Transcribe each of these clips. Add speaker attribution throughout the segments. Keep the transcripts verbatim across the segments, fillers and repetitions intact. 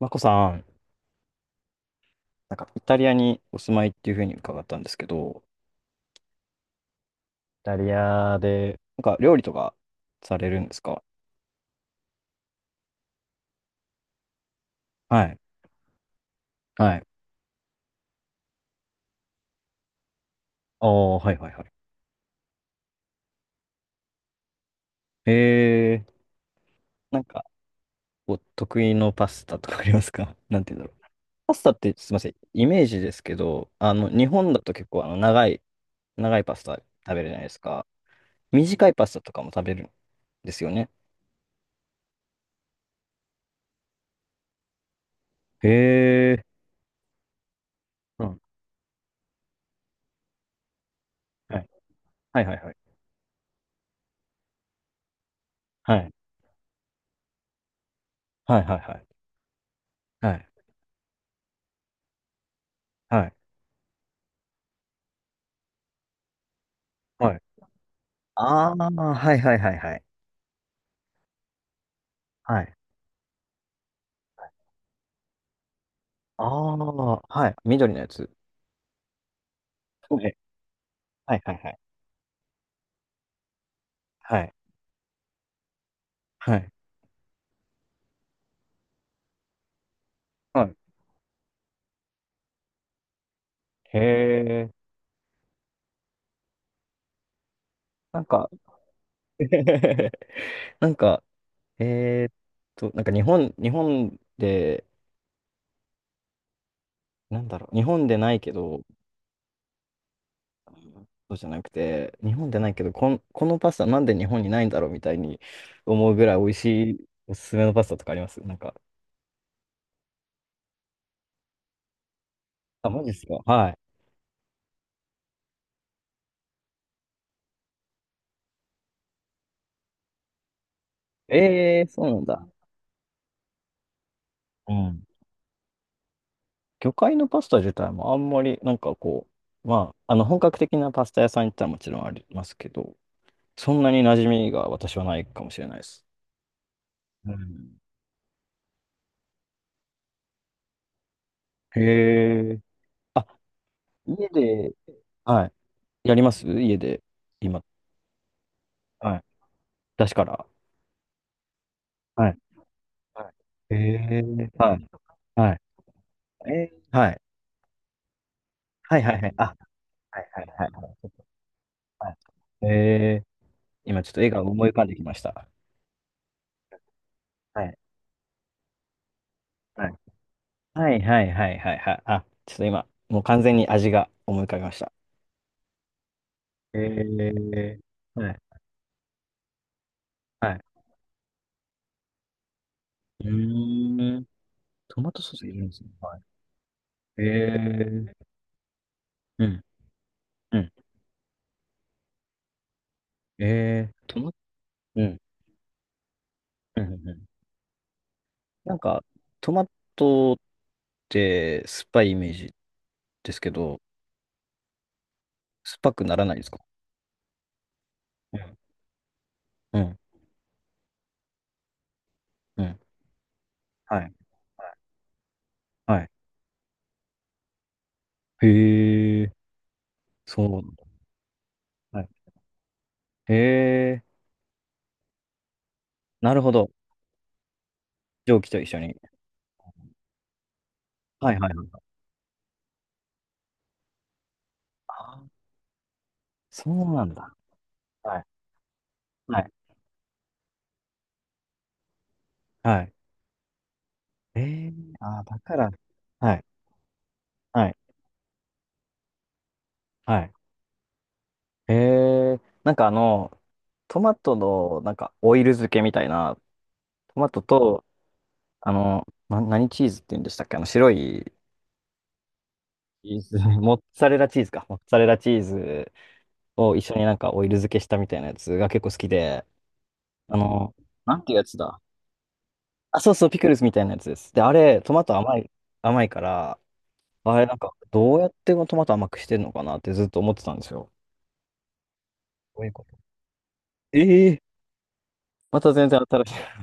Speaker 1: マコさん、なんかイタリアにお住まいっていうふうに伺ったんですけど、イタリアで、なんか料理とかされるんですか？はい。はい。ああ、はいはいはい。えー、なんかお得意のパスタとかありますか？ なんて言うんだろう。パスタって、すいません、イメージですけど、あの、日本だと結構あの長い、長いパスタ食べるじゃないですか。短いパスタとかも食べるんですよね。へえ。うん、はいはいはいはい。はい。はいはいはい。はい。はい。はい。ああ、はいはいはいはい。はい。ああ、はい。緑のやつ。はい。はいはいはい。はい。はい。はい、へえ。なんか なんか、えーっと、なんか日本、日本で、なんだろう、日本でないけど、そうじゃなくて、日本でないけど、こん、このパスタなんで日本にないんだろうみたいに思うぐらい美味しいおすすめのパスタとかありますなんか？あ、マジですか？はい。ええー、そうなんだ。うん。魚介のパスタ自体もあんまり、なんかこう、まあ、あの、本格的なパスタ屋さん行ったらもちろんありますけど、そんなに馴染みが私はないかもしれないです。うん。へえ。あ、家で、はい。やります家で、今、はい。出しから。はい。はい、へえ。はい。はい。えー、はい。はいはいはい。あ、はいはいはいはい。はい、えー。今ちょっと絵が思い浮かんできました。はい。はいはいはいはいはいはい。あ、ちょっと今、もう完全に味が思い浮かびました。えー、はい、はい。うーん、トマトソースいるんですね。はい。えー、うん、うん。えー、トマ、うん、うん、うん。なんか、トマトって酸っぱいイメージですけど、酸っぱくならないですか？うん、うん、うん。はい。はい。へえ、そうなんだ。はい。へえ、なるほど。蒸気と一緒に。はいはいはい。あ、そうなんだ。はい。はい。はい。ええ、ああー、だから、はい。はい。はい。ええ、なんかあの、トマトの、なんか、オイル漬けみたいな、トマトと、あの、な、何チーズって言うんでしたっけ、あの、白いチーズ、モッツァレラチーズか。モッツァレラチーズを一緒になんかオイル漬けしたみたいなやつが結構好きで、あの、なんていうやつだ。あ、そうそう、ピクルスみたいなやつです。で、あれ、トマト甘い、甘いから、あれ、なんか、どうやってトマト甘くしてるのかなってずっと思ってたんですよ。どういうこと？ええ、また全然新しい。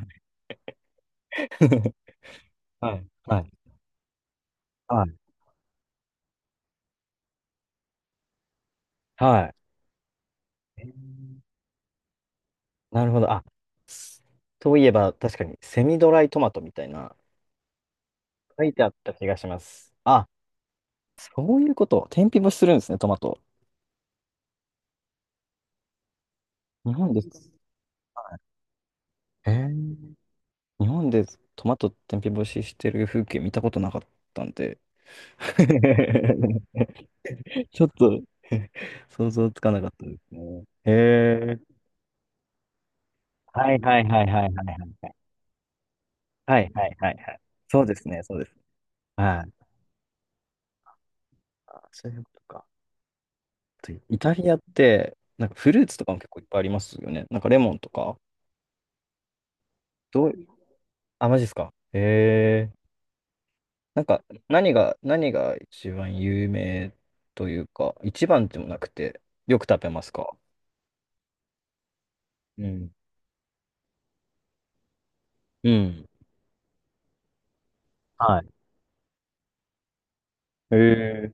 Speaker 1: はい、はい、はい。はい。えー、なるほど。あ、s- といえば、確かに、セミドライトマトみたいな、書いてあった気がします。あ、そういうこと。天日干しするんですね、トマト。日本です、えー、日本でトマト天日干ししてる風景見たことなかったんで。ちょっと 想像つかなかったですね。へえ。はいはいはいはいはいはいはい。はいはいはいはい。そうですね、そうです。はい。あ、そういうことか。あとイタリアって、なんかフルーツとかも結構いっぱいありますよね。なんかレモンとか。どう、あ、マジですか。へえ。なんか何が、何が一番有名というか、一番でもなくて、よく食べますか？うん。うん。はい。へえ。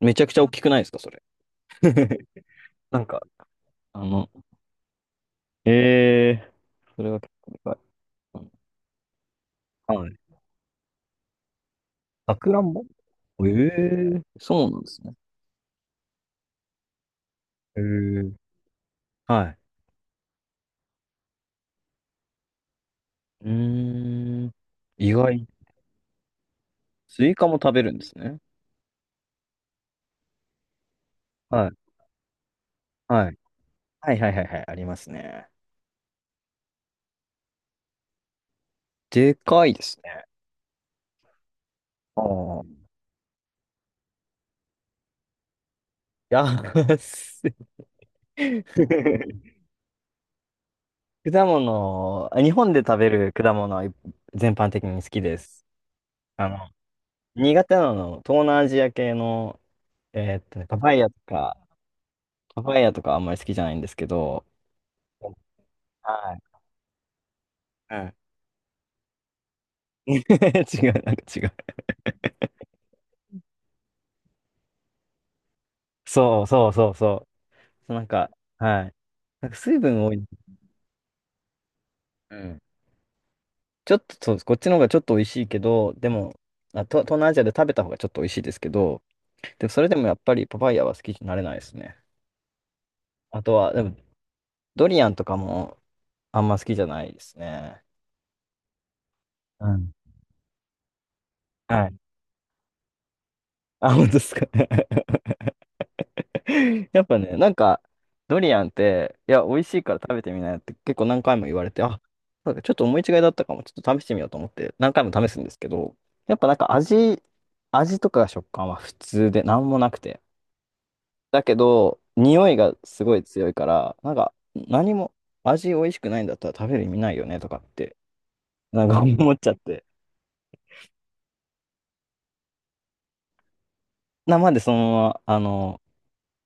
Speaker 1: めちゃくちゃ大きくないですか、それ。なんか、あの、ええー、それは結構でかい。うん、はい。さくらんぼ、ええー、そうなんですね。ええ、はい。うーん。意外。スイカも食べるんですね。はい。はい。はいはいはいはい、ありますね。でかいですね。ああ。安い。 果物、日本で食べる果物は全般的に好きです。あの、苦手なの、東南アジア系の、えーっとね、パパイヤとか、パパイヤとかあんまり好きじゃないんですけど、はい。はい。違う、なんか違う。そうそうそうそう。そうなんか、はい。なんか水分多い。うん。ちょっと、そう、こっちの方がちょっと美味しいけど、でも、あ、と東南アジアで食べた方がちょっと美味しいですけど、でもそれでもやっぱりパパイヤは好きになれないですね。あとは、でも、ドリアンとかもあんま好きじゃないですね。うん。はい。あ、本当ですか。やっぱね、なんか、ドリアンって、いや、美味しいから食べてみなよって結構何回も言われて、あ、なんかちょっと思い違いだったかも、ちょっと試してみようと思って、何回も試すんですけど、やっぱなんか味、味とか食感は普通で何もなくて。だけど、匂いがすごい強いから、なんか、何も、味美味しくないんだったら食べる意味ないよねとかって、なんか思っちゃって。な、までそのまま、あの、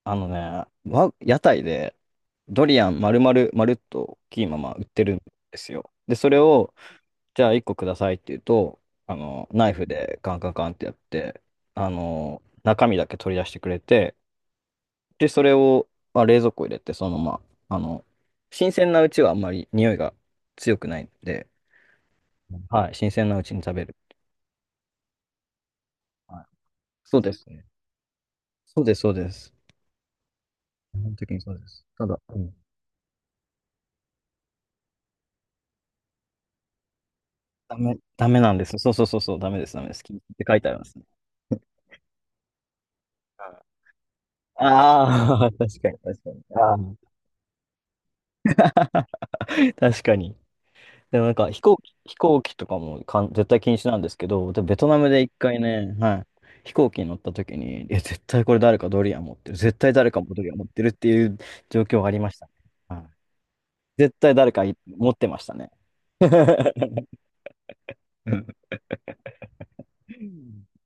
Speaker 1: あのね、わ、屋台でドリアン丸々、丸っと大きいまま売ってるんですよ。で、それを、じゃあいっこくださいって言うと、あの、ナイフでカンカンカンってやって、あの、中身だけ取り出してくれて、で、それを、まあ、冷蔵庫入れて、そのまま、あの、新鮮なうちはあんまり匂いが強くないんで、はい、新鮮なうちに食べる。はい、そうですね。そうです、そうです。基本的にそうです。ただ、うん、ダメ、ダメなんです。そうそうそうそう、ダメです、ダメです。禁止って書いてありますね。ああー、確かに、確かに。あー、確かに。でもなんか飛行機、飛行機とかもかん絶対禁止なんですけど、でベトナムで一回ね、はい、飛行機に乗った時に、いや、絶対これ誰かドリアン持ってる、絶対誰かもドリアン持ってるっていう状況がありましたね。はい、絶対誰かい持ってましたね。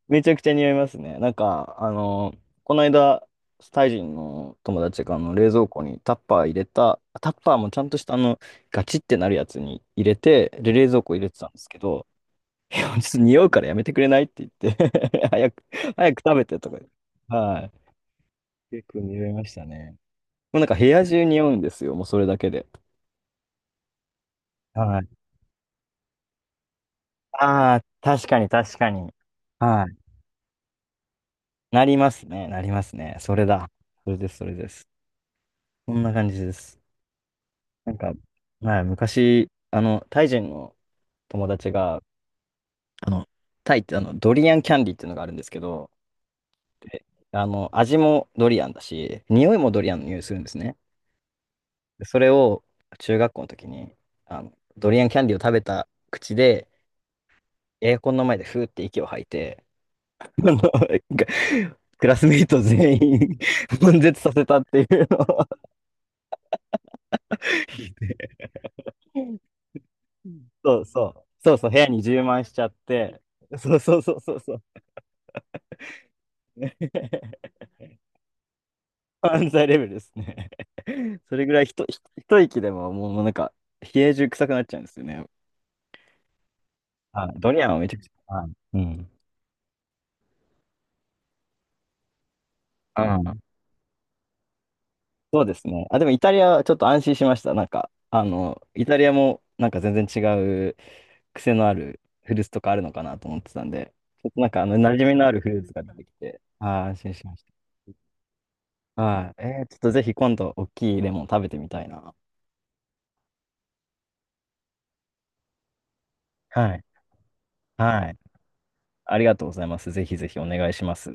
Speaker 1: めちゃくちゃ似合いますね。なんか、あの、この間、タイ人の友達があの冷蔵庫にタッパー入れた、タッパーもちゃんとしたあの、ガチってなるやつに入れて、で、冷蔵庫入れてたんですけど、いやちょっと匂うからやめてくれないって言って 早く、早く食べてとか言って。はい。結構匂いましたね。もうなんか部屋中匂うんですよ、もうそれだけで。はい。ああ、確かに確かに。はい。なりますね、なりますね。それだ。それです、それです。こんな感じです。なんか、はい、昔、あの、タイ人の友達が、あの、タイってあの、ドリアンキャンディーっていうのがあるんですけど、で、あの、味もドリアンだし、匂いもドリアンの匂いするんですね。でそれを、中学校の時に、あの、ドリアンキャンディーを食べた口で、エアコンの前でふーって息を吐いて、あのがクラスメイト全員 悶絶させたっていうのを、そうそう、そうそう、部屋に充満しちゃって、そうそうそうそうそう。犯罪レベルですね。それぐらいひと、ひ一息でももうなんか、冷え中臭くなっちゃうんですよね。はい。ドリアンはめちゃくちゃ。はい。うん。うん。そうですね。あ、でもイタリアはちょっと安心しました。なんか、あの、イタリアもなんか全然違う癖のあるフルーツとかあるのかなと思ってたんで、ちょっとなんかあの、馴染みのあるフルーツが出てきて、あー、安心しました。はい。えー、ちょっとぜひ今度大きいレモン食べてみたいな。はい。はい。ありがとうございます。ぜひぜひお願いします。